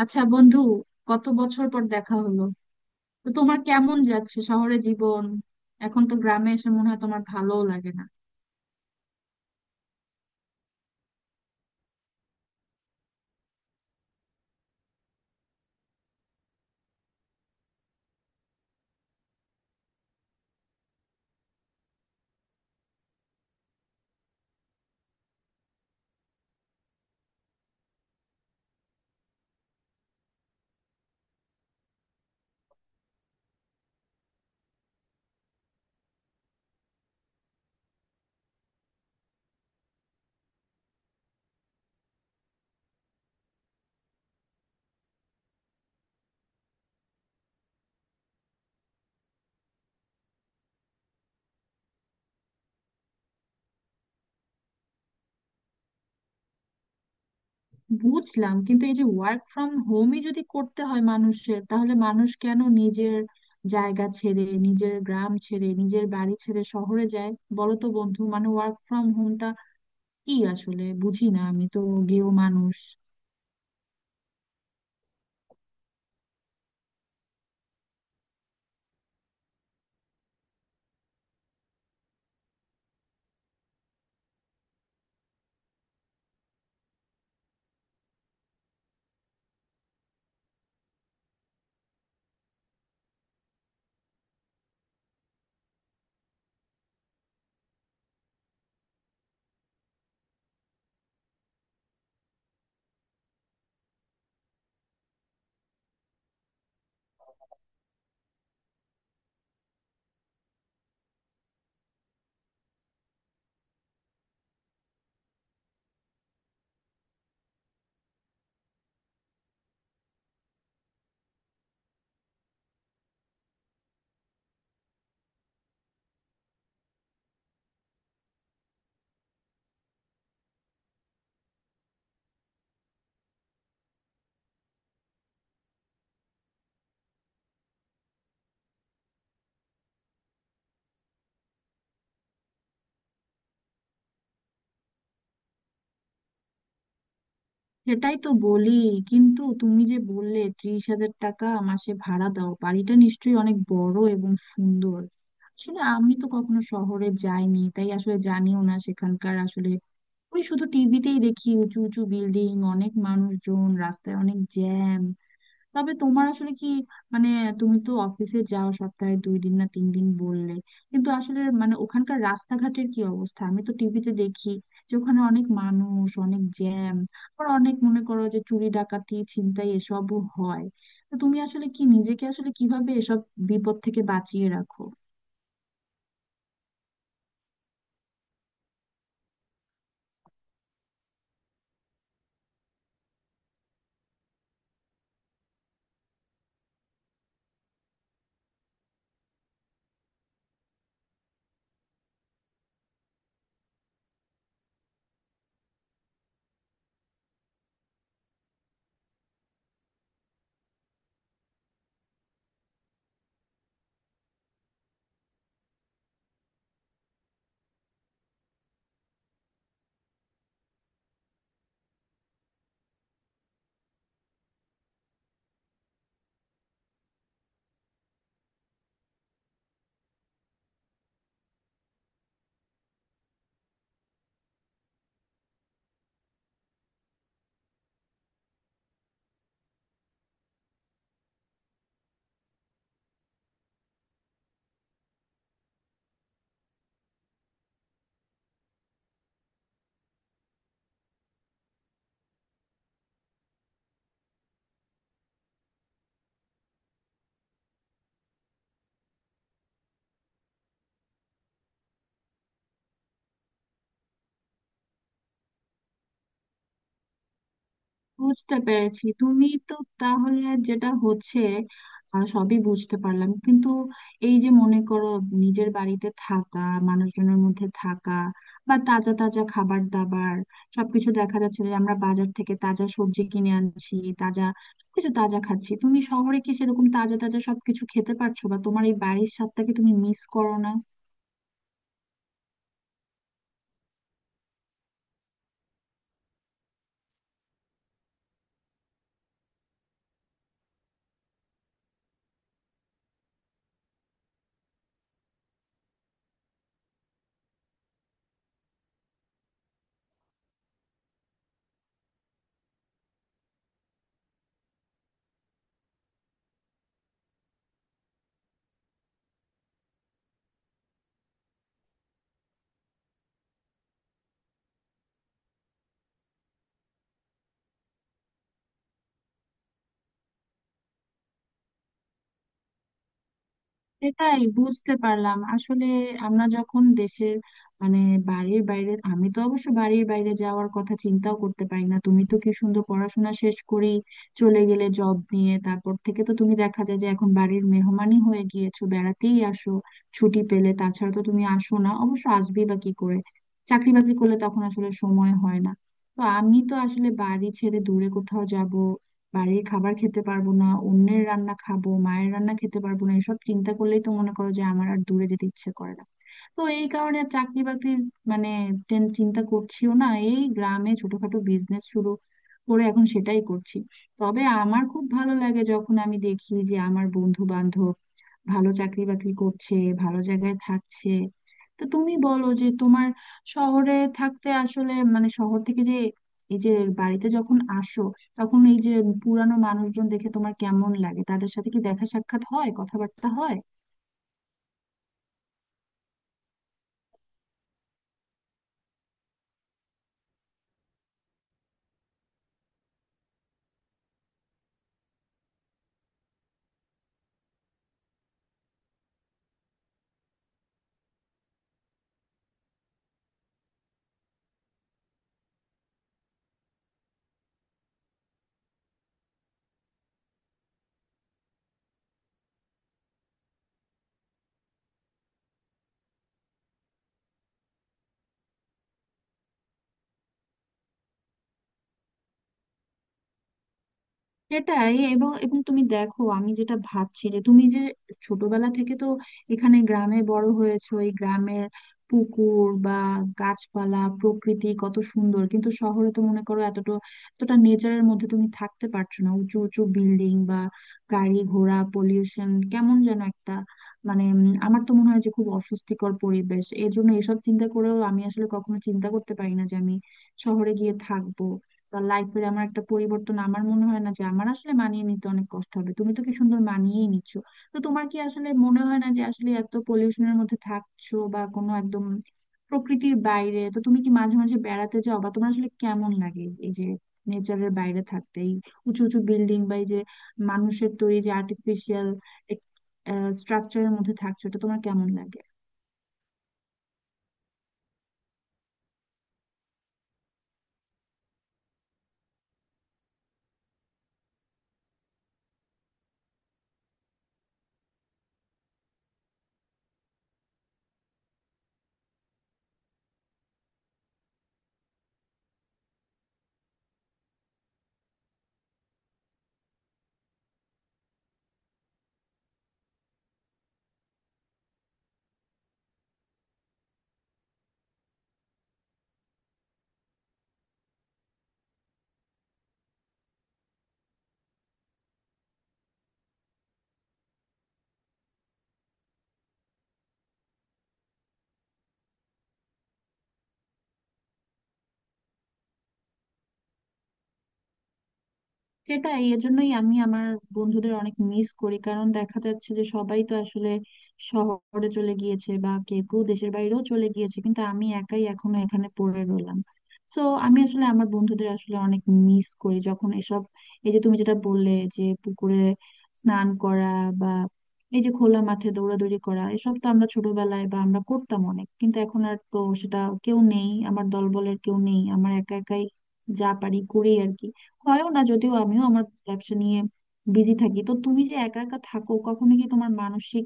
আচ্ছা বন্ধু, কত বছর পর দেখা হলো! তো তোমার কেমন যাচ্ছে শহরে জীবন? এখন তো গ্রামে এসে মনে হয় তোমার ভালোও লাগে না। বুঝলাম, কিন্তু এই যে ওয়ার্ক ফ্রম হোমই যদি করতে হয় মানুষের, তাহলে মানুষ কেন নিজের জায়গা ছেড়ে, নিজের গ্রাম ছেড়ে, নিজের বাড়ি ছেড়ে শহরে যায়? বলো তো বন্ধু, মানে ওয়ার্ক ফ্রম হোমটা কি আসলে বুঝি না আমি তো, গেও মানুষ। সেটাই তো বলি। কিন্তু তুমি যে বললে 30,000 টাকা মাসে ভাড়া দাও, বাড়িটা নিশ্চয়ই অনেক বড় এবং সুন্দর। আসলে আমি তো কখনো শহরে যাইনি, তাই আসলে জানিও না সেখানকার। আসলে ওই শুধু টিভিতেই দেখি উঁচু উঁচু বিল্ডিং, অনেক মানুষজন, রাস্তায় অনেক জ্যাম। তবে তোমার আসলে কি মানে, তুমি তো অফিসে যাও সপ্তাহে 2 দিন না 3 দিন বললে। কিন্তু আসলে মানে ওখানকার রাস্তাঘাটের কি অবস্থা? আমি তো টিভিতে দেখি যে ওখানে অনেক মানুষ, অনেক জ্যাম। আবার অনেক মনে করো যে চুরি, ডাকাতি, ছিনতাই এসবও হয়। তো তুমি আসলে কি, নিজেকে আসলে কিভাবে এসব বিপদ থেকে বাঁচিয়ে রাখো? বুঝতে পেরেছি তুমি তো। তাহলে যেটা হচ্ছে, সবই বুঝতে পারলাম, কিন্তু এই যে মনে করো নিজের বাড়িতে থাকা, মানুষজনের মধ্যে থাকা, বা তাজা তাজা খাবার দাবার সবকিছু, দেখা যাচ্ছে যে আমরা বাজার থেকে তাজা সবজি কিনে আনছি, তাজা সবকিছু তাজা খাচ্ছি। তুমি শহরে কি সেরকম তাজা তাজা সবকিছু খেতে পারছো, বা তোমার এই বাড়ির স্বাদটাকে তুমি মিস করো না? এটাই বুঝতে পারলাম আসলে। আমরা যখন দেশের মানে বাড়ির বাইরে, আমি তো অবশ্য বাড়ির বাইরে যাওয়ার কথা চিন্তাও করতে পারি না। তুমি তো কি সুন্দর পড়াশোনা শেষ করেই চলে গেলে জব নিয়ে, তারপর থেকে তো তুমি দেখা যায় যে এখন বাড়ির মেহমানই হয়ে গিয়েছো, বেড়াতেই আসো ছুটি পেলে, তাছাড়া তো তুমি আসো না। অবশ্য আসবেই বা কি করে, চাকরি বাকরি করলে তখন আসলে সময় হয় না। তো আমি তো আসলে বাড়ি ছেড়ে দূরে কোথাও যাব, বাড়ির খাবার খেতে পারবো না, অন্যের রান্না খাবো, মায়ের রান্না খেতে পারবো না, এসব চিন্তা করলেই তো মনে করো যে আমার আর দূরে যেতে ইচ্ছে করে না। তো এই কারণে আর চাকরি বাকরির মানে চিন্তা করছিও না। এই গ্রামে ছোটখাটো বিজনেস শুরু করে এখন সেটাই করছি। তবে আমার খুব ভালো লাগে যখন আমি দেখি যে আমার বন্ধু বান্ধব ভালো চাকরি বাকরি করছে, ভালো জায়গায় থাকছে। তো তুমি বলো যে তোমার শহরে থাকতে আসলে মানে শহর থেকে যে, এই যে বাড়িতে যখন আসো, তখন এই যে পুরানো মানুষজন দেখে তোমার কেমন লাগে? তাদের সাথে কি দেখা সাক্ষাৎ হয়, কথাবার্তা হয়? সেটাই। এবং এবং তুমি দেখো আমি যেটা ভাবছি, যে তুমি যে ছোটবেলা থেকে তো এখানে গ্রামে বড় হয়েছো, এই গ্রামের পুকুর বা গাছপালা প্রকৃতি কত সুন্দর, কিন্তু শহরে তো মনে করো এতটা এতটা নেচারের মধ্যে তুমি থাকতে পারছো না, উঁচু উঁচু বিল্ডিং বা গাড়ি ঘোড়া পলিউশন কেমন যেন একটা মানে, আমার তো মনে হয় যে খুব অস্বস্তিকর পরিবেশ। এর জন্য এসব চিন্তা করেও আমি আসলে কখনো চিন্তা করতে পারি না যে আমি শহরে গিয়ে থাকবো। লাইফে আমার একটা পরিবর্তন আমার মনে হয় না যে আমার আসলে মানিয়ে নিতে অনেক কষ্ট হবে, তুমি তো কি সুন্দর মানিয়েই নিচ্ছ। তো তোমার কি আসলে মনে হয় না যে আসলে এত পলিউশনের মধ্যে থাকছো, বা কোনো একদম প্রকৃতির বাইরে? তো তুমি কি মাঝে মাঝে বেড়াতে যাও, বা তোমার আসলে কেমন লাগে এই যে নেচারের বাইরে থাকতে, এই উঁচু উঁচু বিল্ডিং বা এই যে মানুষের তৈরি যে আর্টিফিশিয়াল স্ট্রাকচারের মধ্যে থাকছো, এটা তোমার কেমন লাগে? সেটাই, এজন্যই আমি আমার বন্ধুদের অনেক মিস করি, কারণ দেখা যাচ্ছে যে সবাই তো আসলে শহরে চলে গিয়েছে, বা কেউ কেউ দেশের বাইরেও চলে গিয়েছে, কিন্তু আমি একাই এখনো এখানে পড়ে রইলাম। তো আমি আসলে আমার বন্ধুদের আসলে অনেক মিস করি যখন এসব, এই যে তুমি যেটা বললে যে পুকুরে স্নান করা, বা এই যে খোলা মাঠে দৌড়াদৌড়ি করা, এসব তো আমরা ছোটবেলায় বা আমরা করতাম অনেক, কিন্তু এখন আর তো সেটা কেউ নেই আমার দলবলের, কেউ নেই আমার, একা একাই যা পারি করি আর কি। হয়ও না, যদিও আমিও আমার ব্যবসা নিয়ে বিজি থাকি। তো তুমি যে একা একা থাকো, কখনো কি তোমার মানসিক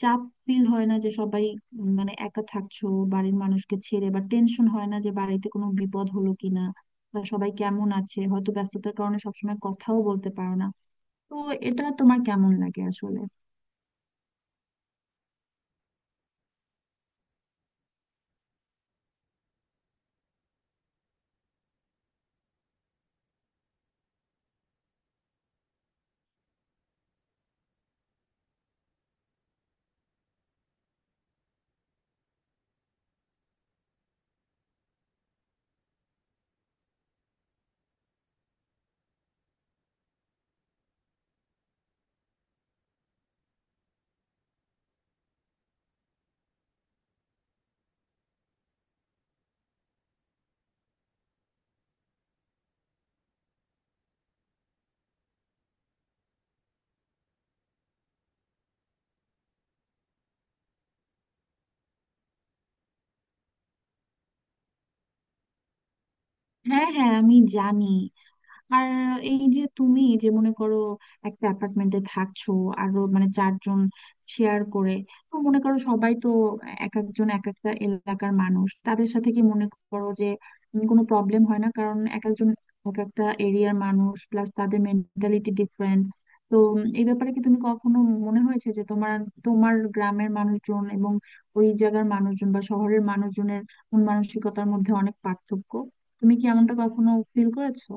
চাপ ফিল হয় না, যে সবাই মানে একা থাকছো বাড়ির মানুষকে ছেড়ে, বা টেনশন হয় না যে বাড়িতে কোনো বিপদ হলো কিনা, বা সবাই কেমন আছে, হয়তো ব্যস্ততার কারণে সবসময় কথাও বলতে পারো না? তো এটা তোমার কেমন লাগে আসলে? হ্যাঁ হ্যাঁ, আমি জানি। আর এই যে তুমি যে মনে করো একটা অ্যাপার্টমেন্টে থাকছো, আরো মানে 4 জন শেয়ার করে, তো মনে করো সবাই তো এক একজন এক একটা এলাকার মানুষ, তাদের সাথে কি মনে করো যে কোনো প্রবলেম হয় না? কারণ এক একজন এক একটা এরিয়ার মানুষ, প্লাস তাদের মেন্টালিটি ডিফারেন্ট। তো এই ব্যাপারে কি তুমি কখনো মনে হয়েছে যে তোমার, তোমার গ্রামের মানুষজন এবং ওই জায়গার মানুষজন বা শহরের মানুষজনের মন মানসিকতার মধ্যে অনেক পার্থক্য? তুমি কি এমনটা কখনো ফিল করেছো?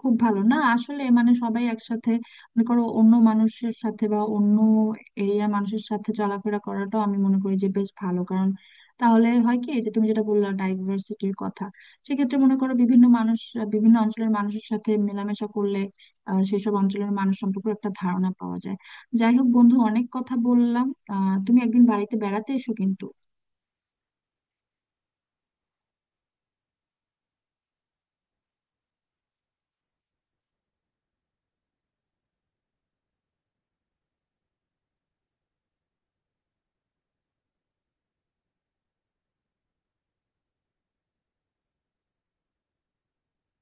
খুব ভালো না আসলে মানে, সবাই একসাথে মনে করো অন্য মানুষের সাথে, বা অন্য এরিয়ার মানুষের সাথে চলাফেরা করাটাও আমি মনে করি যে বেশ ভালো। কারণ তাহলে হয় কি যে, তুমি যেটা বললা ডাইভার্সিটির কথা, সেক্ষেত্রে মনে করো বিভিন্ন মানুষ, বিভিন্ন অঞ্চলের মানুষের সাথে মেলামেশা করলে সেসব অঞ্চলের মানুষ সম্পর্কে একটা ধারণা পাওয়া যায়। যাই হোক বন্ধু, অনেক কথা বললাম। তুমি একদিন বাড়িতে বেড়াতে এসো কিন্তু।